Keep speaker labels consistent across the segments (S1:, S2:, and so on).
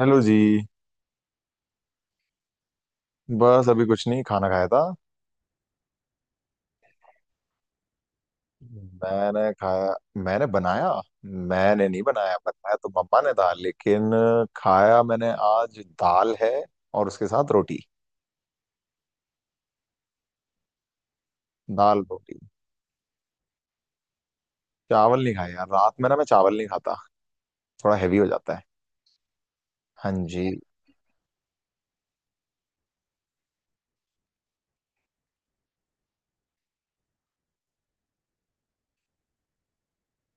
S1: Hello जी। बस अभी कुछ नहीं, खाना खाया था। हम्म। मैंने खाया। मैंने बनाया। मैंने नहीं बनाया, बनाया तो मम्मा ने था, लेकिन खाया मैंने। आज दाल है और उसके साथ रोटी। दाल रोटी। चावल नहीं खाया यार, रात में ना मैं चावल नहीं खाता, थोड़ा हैवी हो जाता है। हाँ जी।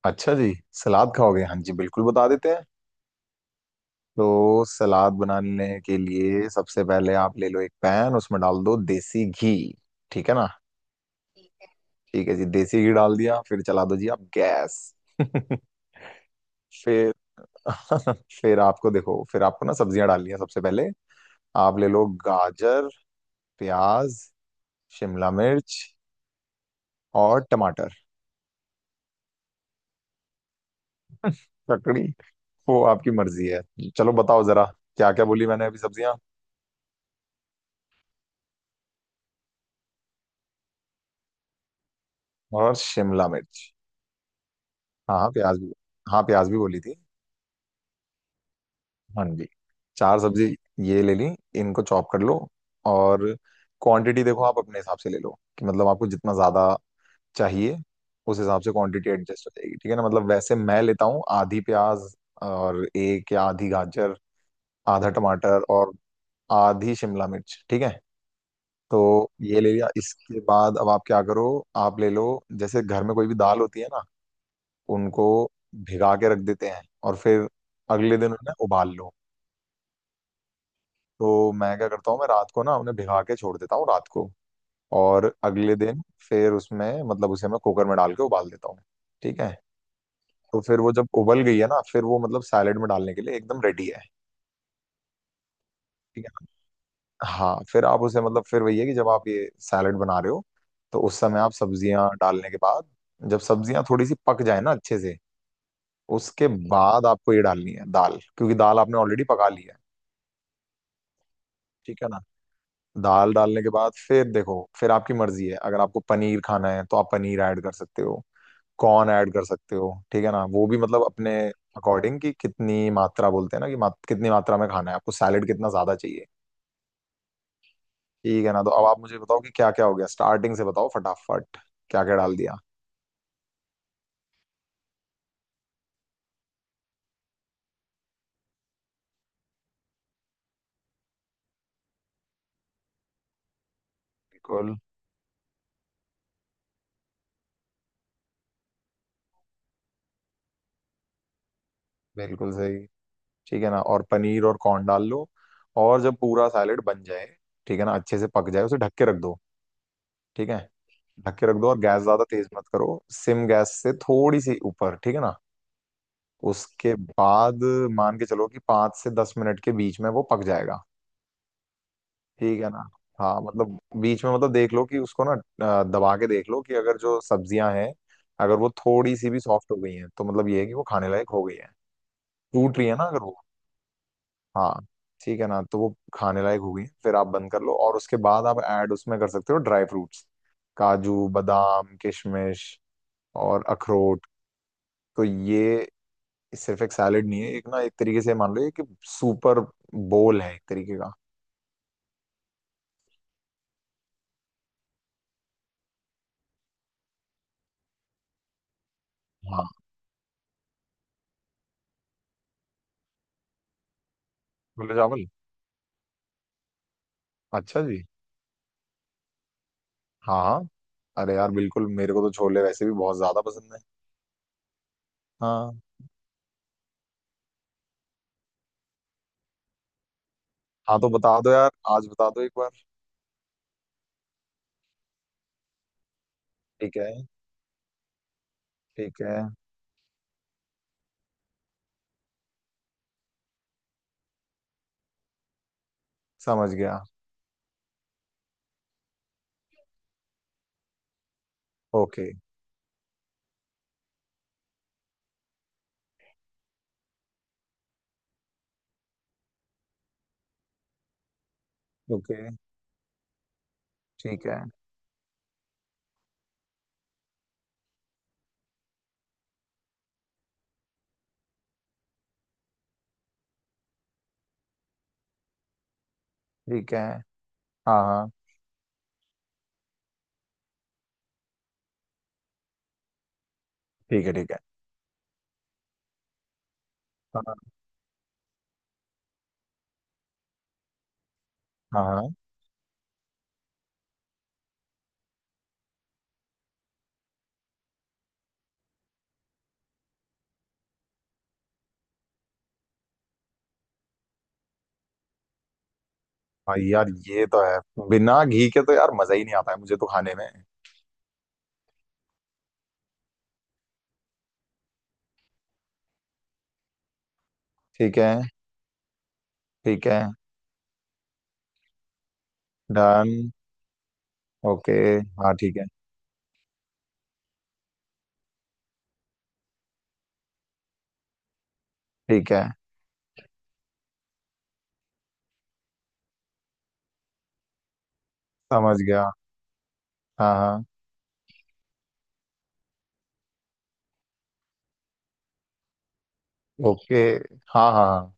S1: अच्छा जी, सलाद खाओगे? हाँ जी, बिल्कुल, बता देते हैं। तो सलाद बनाने के लिए सबसे पहले आप ले लो एक पैन, उसमें डाल दो देसी घी। ठीक है ना? ठीक है। ठीक है जी, देसी घी डाल दिया, फिर चला दो जी आप गैस। फिर। फिर आपको देखो, फिर आपको ना सब्जियां डालनी है। सबसे पहले आप ले लो गाजर, प्याज, शिमला मिर्च और टमाटर। ककड़ी, वो आपकी मर्जी है। चलो बताओ जरा, क्या क्या बोली मैंने अभी सब्जियां? और शिमला मिर्च। हाँ हाँ, प्याज भी, हाँ प्याज भी बोली थी। हाँ जी। चार सब्जी ये ले ली, इनको चॉप कर लो। और क्वांटिटी देखो, आप अपने हिसाब से ले लो कि मतलब आपको जितना ज्यादा चाहिए, उस हिसाब से क्वांटिटी एडजस्ट हो जाएगी। ठीक है ना? मतलब वैसे मैं लेता हूँ आधी प्याज और एक या आधी गाजर, आधा टमाटर और आधी शिमला मिर्च। ठीक है। तो ये ले लिया, इसके बाद अब आप क्या करो, आप ले लो। जैसे घर में कोई भी दाल होती है ना, उनको भिगा के रख देते हैं और फिर अगले दिन उन्हें उबाल लो। तो मैं क्या करता हूँ, मैं रात को ना उन्हें भिगा के छोड़ देता हूँ रात को। और अगले दिन फिर उसमें मतलब उसे मैं कुकर में डाल के उबाल देता हूँ। ठीक है। तो फिर वो जब उबल गई है ना, फिर वो मतलब सैलेड में डालने के लिए एकदम रेडी है। ठीक है ना। हाँ, फिर आप उसे मतलब फिर वही है कि जब आप ये सैलेड बना रहे हो, तो उस समय आप सब्जियां डालने के बाद, जब सब्जियां थोड़ी सी पक जाए ना अच्छे से, उसके बाद आपको ये डालनी है दाल, क्योंकि दाल आपने ऑलरेडी पका ली है। ठीक है ना। दाल डालने के बाद फिर देखो, फिर आपकी मर्जी है, अगर आपको पनीर खाना है तो आप पनीर ऐड कर सकते हो। कौन ऐड कर सकते हो। ठीक है ना। वो भी मतलब अपने अकॉर्डिंग कि कितनी मात्रा, बोलते हैं ना, कि कितनी मात्रा में खाना है आपको, सैलेड कितना ज्यादा चाहिए। ठीक है ना। तो अब आप मुझे बताओ कि क्या क्या हो गया, स्टार्टिंग से बताओ फटाफट, क्या क्या डाल दिया। बिल्कुल। बिल्कुल सही। ठीक है ना। और पनीर और कॉर्न डाल लो। और जब पूरा सैलेड बन जाए, ठीक है ना, अच्छे से पक जाए, उसे ढक के रख दो। ठीक है। ढक के रख दो और गैस ज्यादा तेज मत करो। सिम गैस से थोड़ी सी ऊपर। ठीक है ना। उसके बाद मान के चलो कि 5 से 10 मिनट के बीच में वो पक जाएगा। ठीक है ना। हाँ, मतलब बीच में मतलब देख लो कि उसको ना, दबा के देख लो कि अगर जो सब्जियां हैं, अगर वो थोड़ी सी भी सॉफ्ट हो गई हैं, तो मतलब ये है कि वो खाने लायक हो गई है। टूट रही है ना अगर वो। हाँ। ठीक है ना। तो वो खाने लायक हो गई है, फिर आप बंद कर लो और उसके बाद आप ऐड उसमें कर सकते हो ड्राई फ्रूट्स, काजू बादाम किशमिश और अखरोट। तो ये सिर्फ एक सैलेड नहीं है, एक ना एक तरीके से मान लो ये कि सुपर बोल है एक तरीके का। हाँ। छोले चावल। अच्छा जी। हाँ हाँ। अरे यार बिल्कुल, मेरे को तो छोले वैसे भी बहुत ज्यादा पसंद है। हाँ। हाँ, तो बता दो यार, आज बता दो एक बार। ठीक है। ठीक है। समझ गया। ओके। ओके। ठीक है। ठीक है। हाँ हाँ। ठीक है। ठीक है। हाँ हाँ। हाँ। हाँ, यार ये तो है। बिना घी के तो यार मजा ही नहीं आता है, मुझे तो खाने में। ठीक है। ठीक है। डन। ओके। हाँ ठीक है। ठीक है। समझ गया। हाँ हाँ। ओके। हाँ हाँ।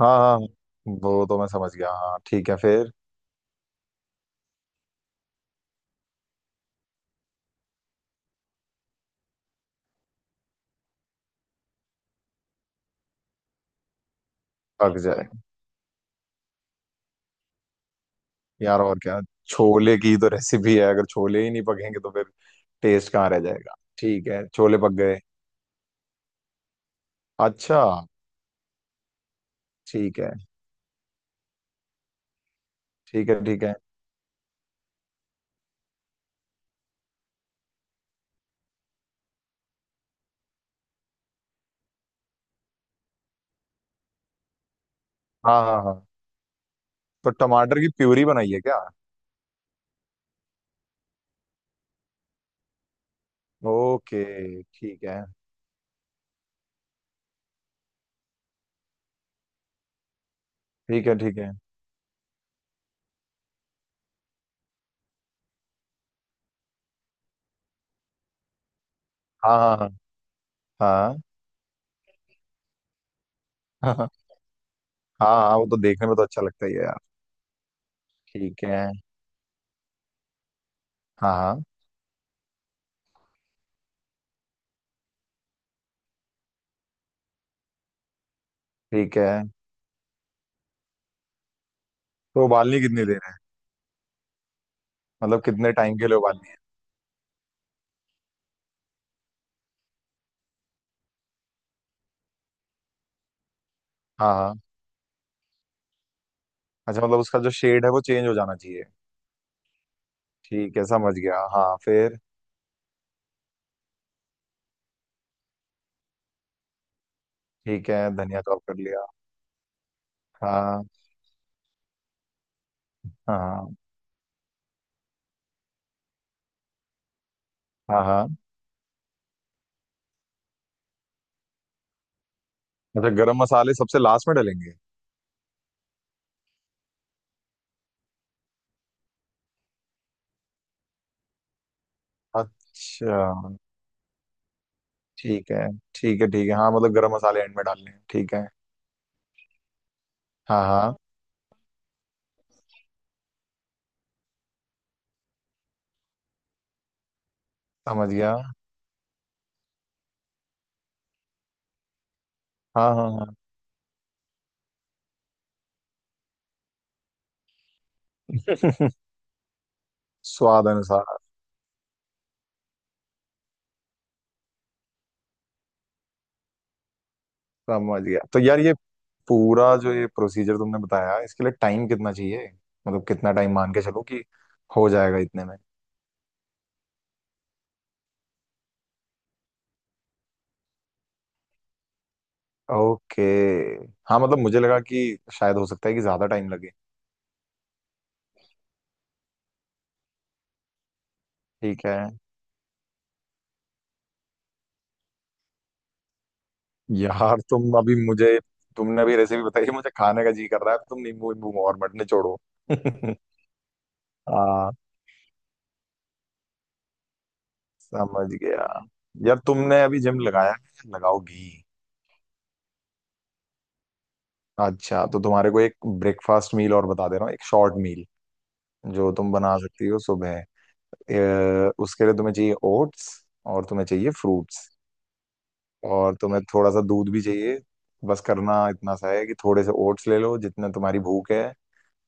S1: हाँ हाँ। हाँ, वो तो मैं समझ गया। हाँ ठीक है, फिर? पक जाए। यार और क्या, छोले की तो रेसिपी है, अगर छोले ही नहीं पकेंगे तो फिर टेस्ट कहाँ रह जाएगा। ठीक है, छोले पक गए। अच्छा। ठीक है। ठीक है। ठीक है। हाँ हाँ हाँ। तो टमाटर की प्यूरी बनाई है क्या? ओके। ठीक है। ठीक है। ठीक है। हाँ हाँ हाँ। हाँ हाँ हाँ। हाँ, हाँ, वो तो देखने में तो अच्छा लगता ही है यार। ठीक है। हाँ हाँ। ठीक है। तो उबालनी कितनी देर है? मतलब कितने टाइम के लिए उबालनी है? हाँ हाँ। अच्छा, मतलब उसका जो शेड है वो चेंज हो जाना चाहिए। ठीक है समझ गया, हाँ फिर? ठीक है, धनिया चॉप कर लिया। हाँ हाँ। हाँ हाँ। अच्छा, गरम मसाले सबसे लास्ट में डालेंगे। अच्छा। ठीक है। ठीक है। ठीक है, हाँ मतलब गरम मसाले एंड में डालने हैं। ठीक है। हाँ हाँ। समझ गया। हाँ हाँ हाँ। स्वाद अनुसार। समझ गया। तो यार ये पूरा जो ये प्रोसीजर तुमने बताया, इसके लिए टाइम कितना चाहिए? मतलब कितना टाइम मान के चलो कि हो जाएगा इतने में? ओके। हाँ मतलब मुझे लगा कि शायद हो सकता है कि ज्यादा टाइम लगे। ठीक है। यार तुम अभी मुझे, तुमने अभी रेसिपी बताई, मुझे खाने का जी कर रहा है, तो तुम नींबू वींबू और मत निचोड़ो। हाँ। समझ गया। यार तुमने अभी जिम लगाया है, लगाओगी? अच्छा तो तुम्हारे को एक ब्रेकफास्ट मील और बता दे रहा हूँ, एक शॉर्ट मील जो तुम बना सकती हो सुबह। उसके लिए तुम्हें चाहिए ओट्स, और तुम्हें चाहिए फ्रूट्स, और तुम्हें थोड़ा सा दूध भी चाहिए। बस करना इतना सा है कि थोड़े से ओट्स ले लो जितना तुम्हारी भूख है,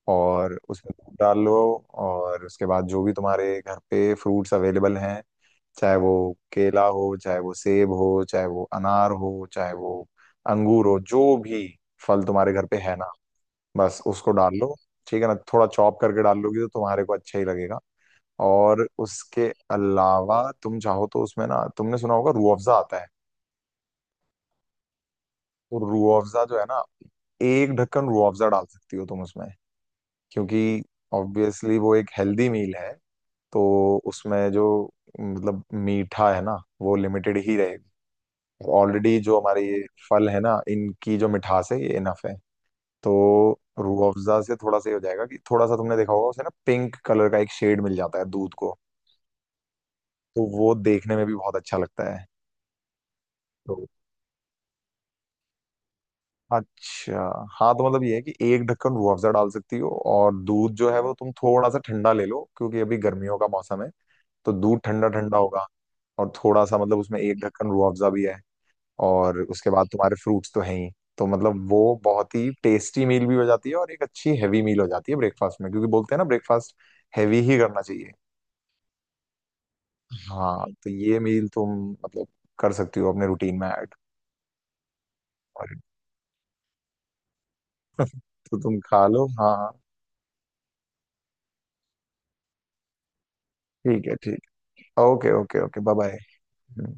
S1: और उसमें दूध डाल लो। और उसके बाद जो भी तुम्हारे घर पे फ्रूट्स अवेलेबल हैं, चाहे वो केला हो, चाहे वो सेब हो, चाहे वो अनार हो, चाहे वो अंगूर हो, जो भी फल तुम्हारे घर पे है ना, बस उसको डाल लो। ठीक है ना? थोड़ा चॉप करके डाल लोगी तो तुम्हारे को अच्छा ही लगेगा। और उसके अलावा तुम चाहो तो उसमें ना, तुमने सुना होगा रूह अफ़ज़ा आता है, तो रूह अफ़ज़ा जो है ना, एक ढक्कन रूह अफ़ज़ा डाल सकती हो तुम उसमें, क्योंकि ऑब्वियसली वो एक हेल्दी मील है। तो उसमें जो मतलब मीठा है ना, वो लिमिटेड ही रहेगी। ऑलरेडी जो हमारे ये फल है ना, इनकी जो मिठास है ये इनफ है। तो रूह अफ़ज़ा से थोड़ा सा ये हो जाएगा कि थोड़ा सा, तुमने देखा होगा उसे ना, पिंक कलर का एक शेड मिल जाता है दूध को। तो वो देखने में भी बहुत अच्छा लगता है। तो अच्छा। हाँ, तो मतलब ये है कि एक ढक्कन रूह अफ़ज़ा डाल सकती हो, और दूध जो है वो तुम थोड़ा सा ठंडा ले लो, क्योंकि अभी गर्मियों का मौसम है, तो दूध ठंडा ठंडा होगा। और थोड़ा सा मतलब उसमें एक ढक्कन रूह अफ़ज़ा भी है। और उसके बाद तुम्हारे फ्रूट्स तो हैं ही। तो मतलब वो बहुत ही टेस्टी मील भी हो जाती है, और एक अच्छी हैवी मील हो जाती है ब्रेकफास्ट में, क्योंकि बोलते हैं ना, ब्रेकफास्ट हैवी ही करना चाहिए। हाँ तो ये मील तुम मतलब कर सकती हो अपने रूटीन में ऐड। और तो तुम खा लो, हाँ हाँ। ठीक है, ठीक है, okay okay okay bye. Bye.